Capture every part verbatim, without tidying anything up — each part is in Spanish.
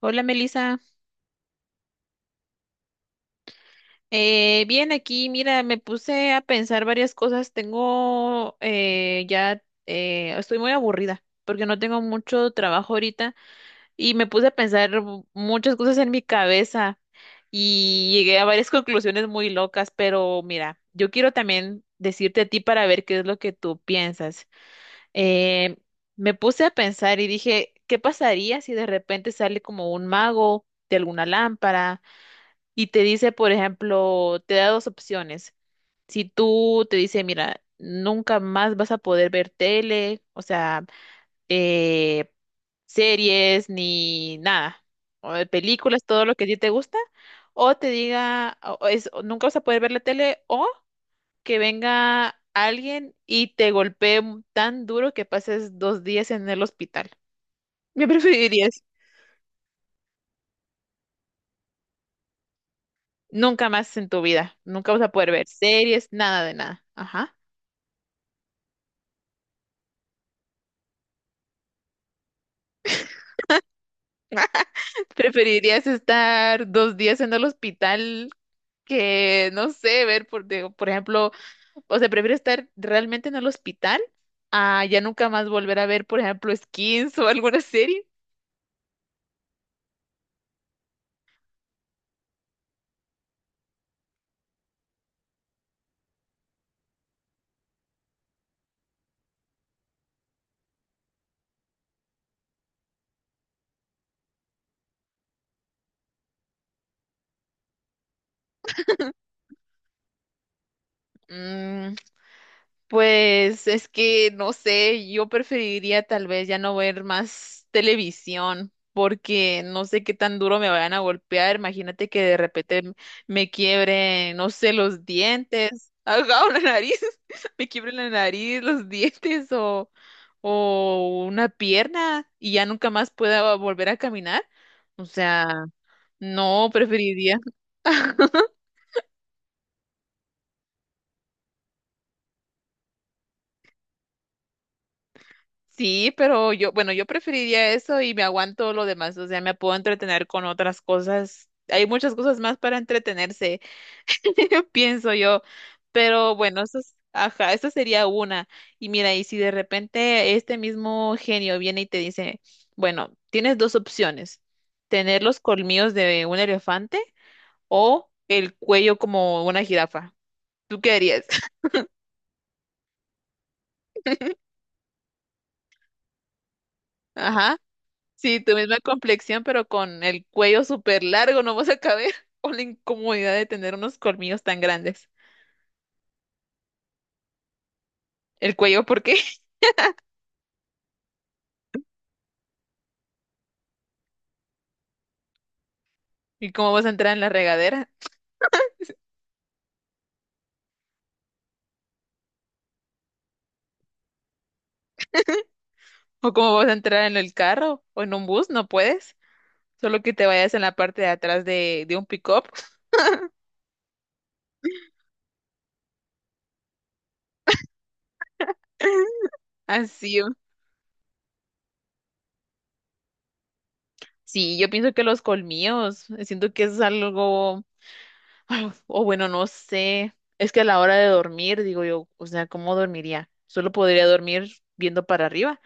Hola Melissa. Eh, bien aquí, mira, me puse a pensar varias cosas, tengo eh, ya, eh, estoy muy aburrida porque no tengo mucho trabajo ahorita y me puse a pensar mu- muchas cosas en mi cabeza y llegué a varias conclusiones muy locas, pero mira, yo quiero también decirte a ti para ver qué es lo que tú piensas. Eh, Me puse a pensar y dije, ¿qué pasaría si de repente sale como un mago de alguna lámpara y te dice, por ejemplo, te da dos opciones? Si tú te dice, mira, nunca más vas a poder ver tele, o sea, eh, series ni nada, o de películas, todo lo que a ti te gusta, o te diga, o- o es, o nunca vas a poder ver la tele, o que venga alguien y te golpee tan duro que pases dos días en el hospital. ¿Me preferirías? Nunca más en tu vida, nunca vas a poder ver series, nada de nada. Ajá. ¿Preferirías estar dos días en el hospital que, no sé, ver, por, de- por ejemplo, o sea, prefiero estar realmente en el hospital a ya nunca más volver a ver, por ejemplo, Skins o alguna serie? Mm, pues es que no sé, yo preferiría tal vez ya no ver más televisión porque no sé qué tan duro me vayan a golpear. Imagínate que de repente m- me quiebre, no sé, los dientes, ajá, o la nariz, me quiebre la nariz, los dientes o, o una pierna y ya nunca más pueda volver a caminar. O sea, no preferiría. Sí, pero yo, bueno, yo preferiría eso y me aguanto lo demás, o sea, me puedo entretener con otras cosas. Hay muchas cosas más para entretenerse, pienso yo. Pero bueno, eso es, ajá, eso sería una. Y mira, y si de repente este mismo genio viene y te dice, bueno, tienes dos opciones, tener los colmillos de un elefante o el cuello como una jirafa. ¿Tú qué harías? Ajá. Sí, tu misma complexión, pero con el cuello súper largo, no vas a caber. O la incomodidad de tener unos colmillos tan grandes. ¿El cuello por qué? ¿Y cómo vas a entrar en la regadera? ¿O cómo vas a entrar en el carro? ¿O en un bus? No puedes. Solo que te vayas en la parte de atrás de, de un pick-up. Así. Sí, yo pienso que los colmillos, siento que es algo. O bueno, no sé. Es que a la hora de dormir, digo yo, o sea, ¿cómo dormiría? Solo podría dormir viendo para arriba.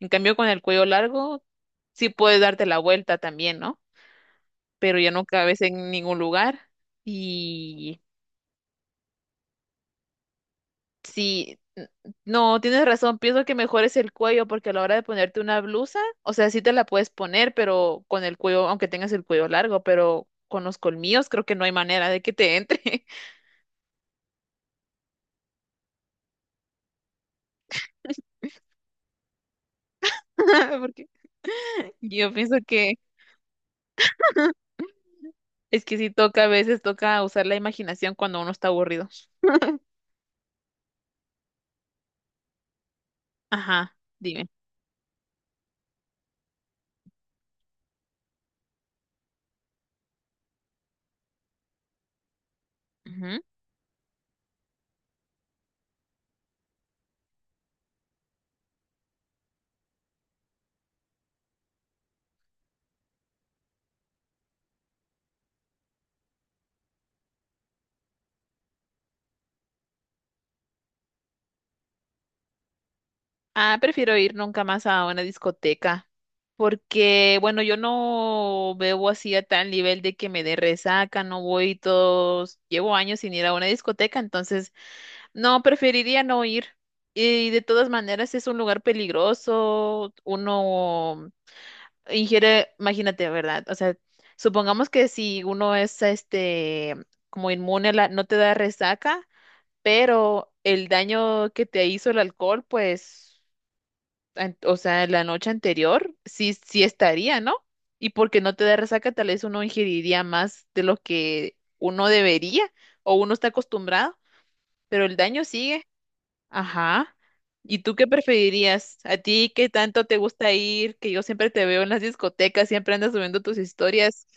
En cambio, con el cuello largo, sí puedes darte la vuelta también, ¿no? Pero ya no cabes en ningún lugar. Y sí, n- no, tienes razón. Pienso que mejor es el cuello, porque a la hora de ponerte una blusa, o sea, sí te la puedes poner, pero con el cuello, aunque tengas el cuello largo, pero con los colmillos creo que no hay manera de que te entre. Porque yo pienso que es que sí toca, a veces toca usar la imaginación cuando uno está aburrido. Ajá, dime. Ujú. Ah, prefiero ir nunca más a una discoteca. Porque, bueno, yo no bebo así a tal nivel de que me dé resaca, no voy todos, llevo años sin ir a una discoteca, entonces no, preferiría no ir. Y de todas maneras es un lugar peligroso, uno ingiere, imagínate, ¿verdad? O sea, supongamos que si uno es este como inmune a la, no te da resaca, pero el daño que te hizo el alcohol, pues, an- o sea, la noche anterior, sí, sí estaría, ¿no? Y porque no te da resaca, tal vez uno ingeriría más de lo que uno debería o uno está acostumbrado, pero el daño sigue. Ajá. ¿Y tú qué preferirías? ¿A ti qué tanto te gusta ir? Que yo siempre te veo en las discotecas, siempre andas subiendo tus historias.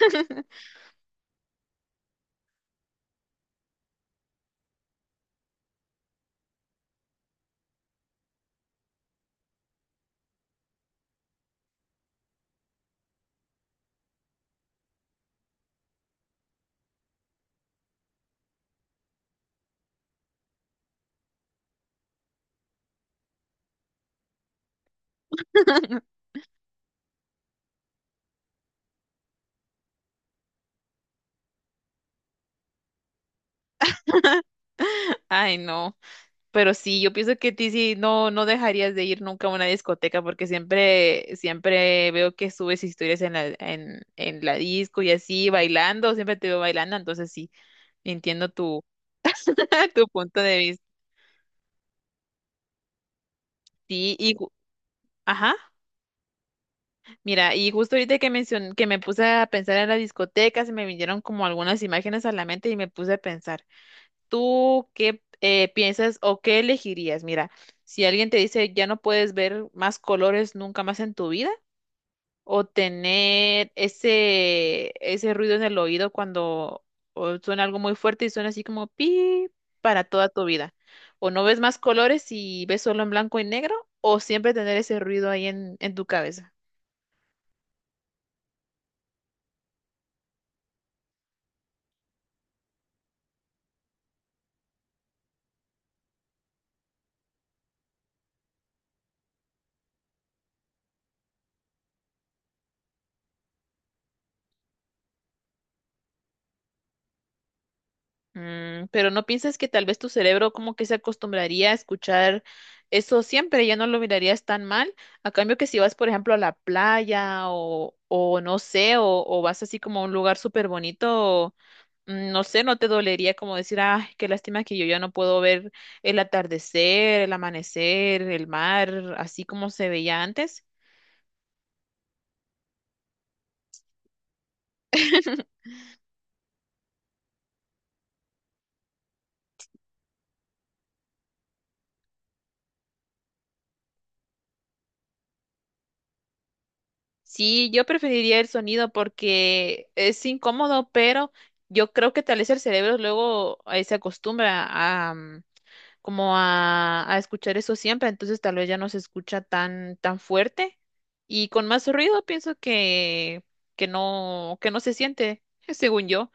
Ay, no. Pero sí, yo pienso que a ti sí no, no dejarías de ir nunca a una discoteca porque siempre, siempre veo que subes historias en la, en, en la disco y así, bailando, siempre te veo bailando, entonces sí, entiendo tu, tu punto de vista. Sí, y, ju- ajá. Mira, y justo ahorita que mencion- que me puse a pensar en la discoteca se me vinieron como algunas imágenes a la mente y me puse a pensar, ¿tú qué eh, piensas o qué elegirías? Mira, si alguien te dice ya no puedes ver más colores nunca más en tu vida, o tener ese, ese ruido en el oído cuando o suena algo muy fuerte y suena así como pi para toda tu vida, o no ves más colores y ves solo en blanco y negro, o siempre tener ese ruido ahí en, en tu cabeza. Mm, pero no piensas que tal vez tu cerebro como que se acostumbraría a escuchar eso siempre, ya no lo mirarías tan mal. A cambio que si vas, por ejemplo, a la playa o, o no sé, o, o vas así como a un lugar súper bonito, mm, no sé, no te dolería como decir, ay, qué lástima que yo ya no puedo ver el atardecer, el amanecer, el mar, así como se veía antes. Sí, yo preferiría el sonido porque es incómodo, pero yo creo que tal vez el cerebro luego eh, se acostumbra a mm, como a, a escuchar eso siempre, entonces tal vez ya no se escucha tan tan fuerte y con más ruido pienso que que no que no se siente, según yo.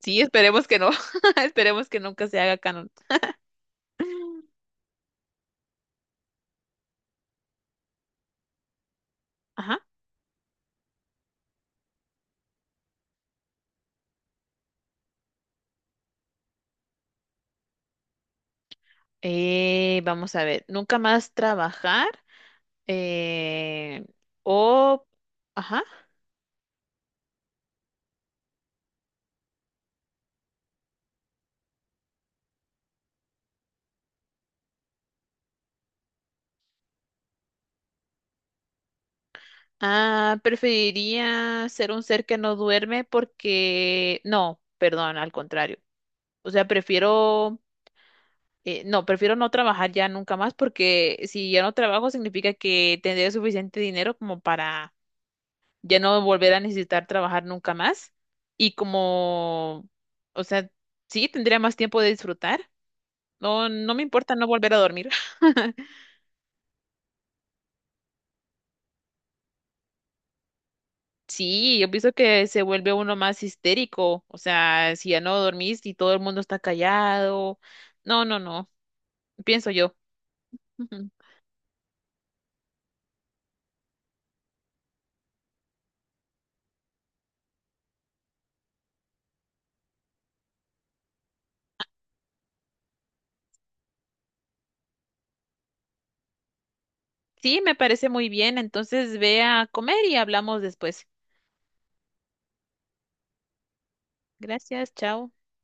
Sí, esperemos que no, esperemos que nunca se haga canon. Ajá. Eh, vamos a ver, nunca más trabajar eh, o ajá. Ah, preferiría ser un ser que no duerme porque, no, perdón, al contrario. O sea, prefiero, eh, no, prefiero no trabajar ya nunca más porque si ya no trabajo significa que tendré suficiente dinero como para ya no volver a necesitar trabajar nunca más. Y como, o sea, sí, tendría más tiempo de disfrutar. No, no me importa no volver a dormir. Sí, yo pienso que se vuelve uno más histérico, o sea, si ya no dormís y todo el mundo está callado. No, no, no, pienso yo. Ujú. Sí, me parece muy bien, entonces ve a comer y hablamos después. Gracias, chao.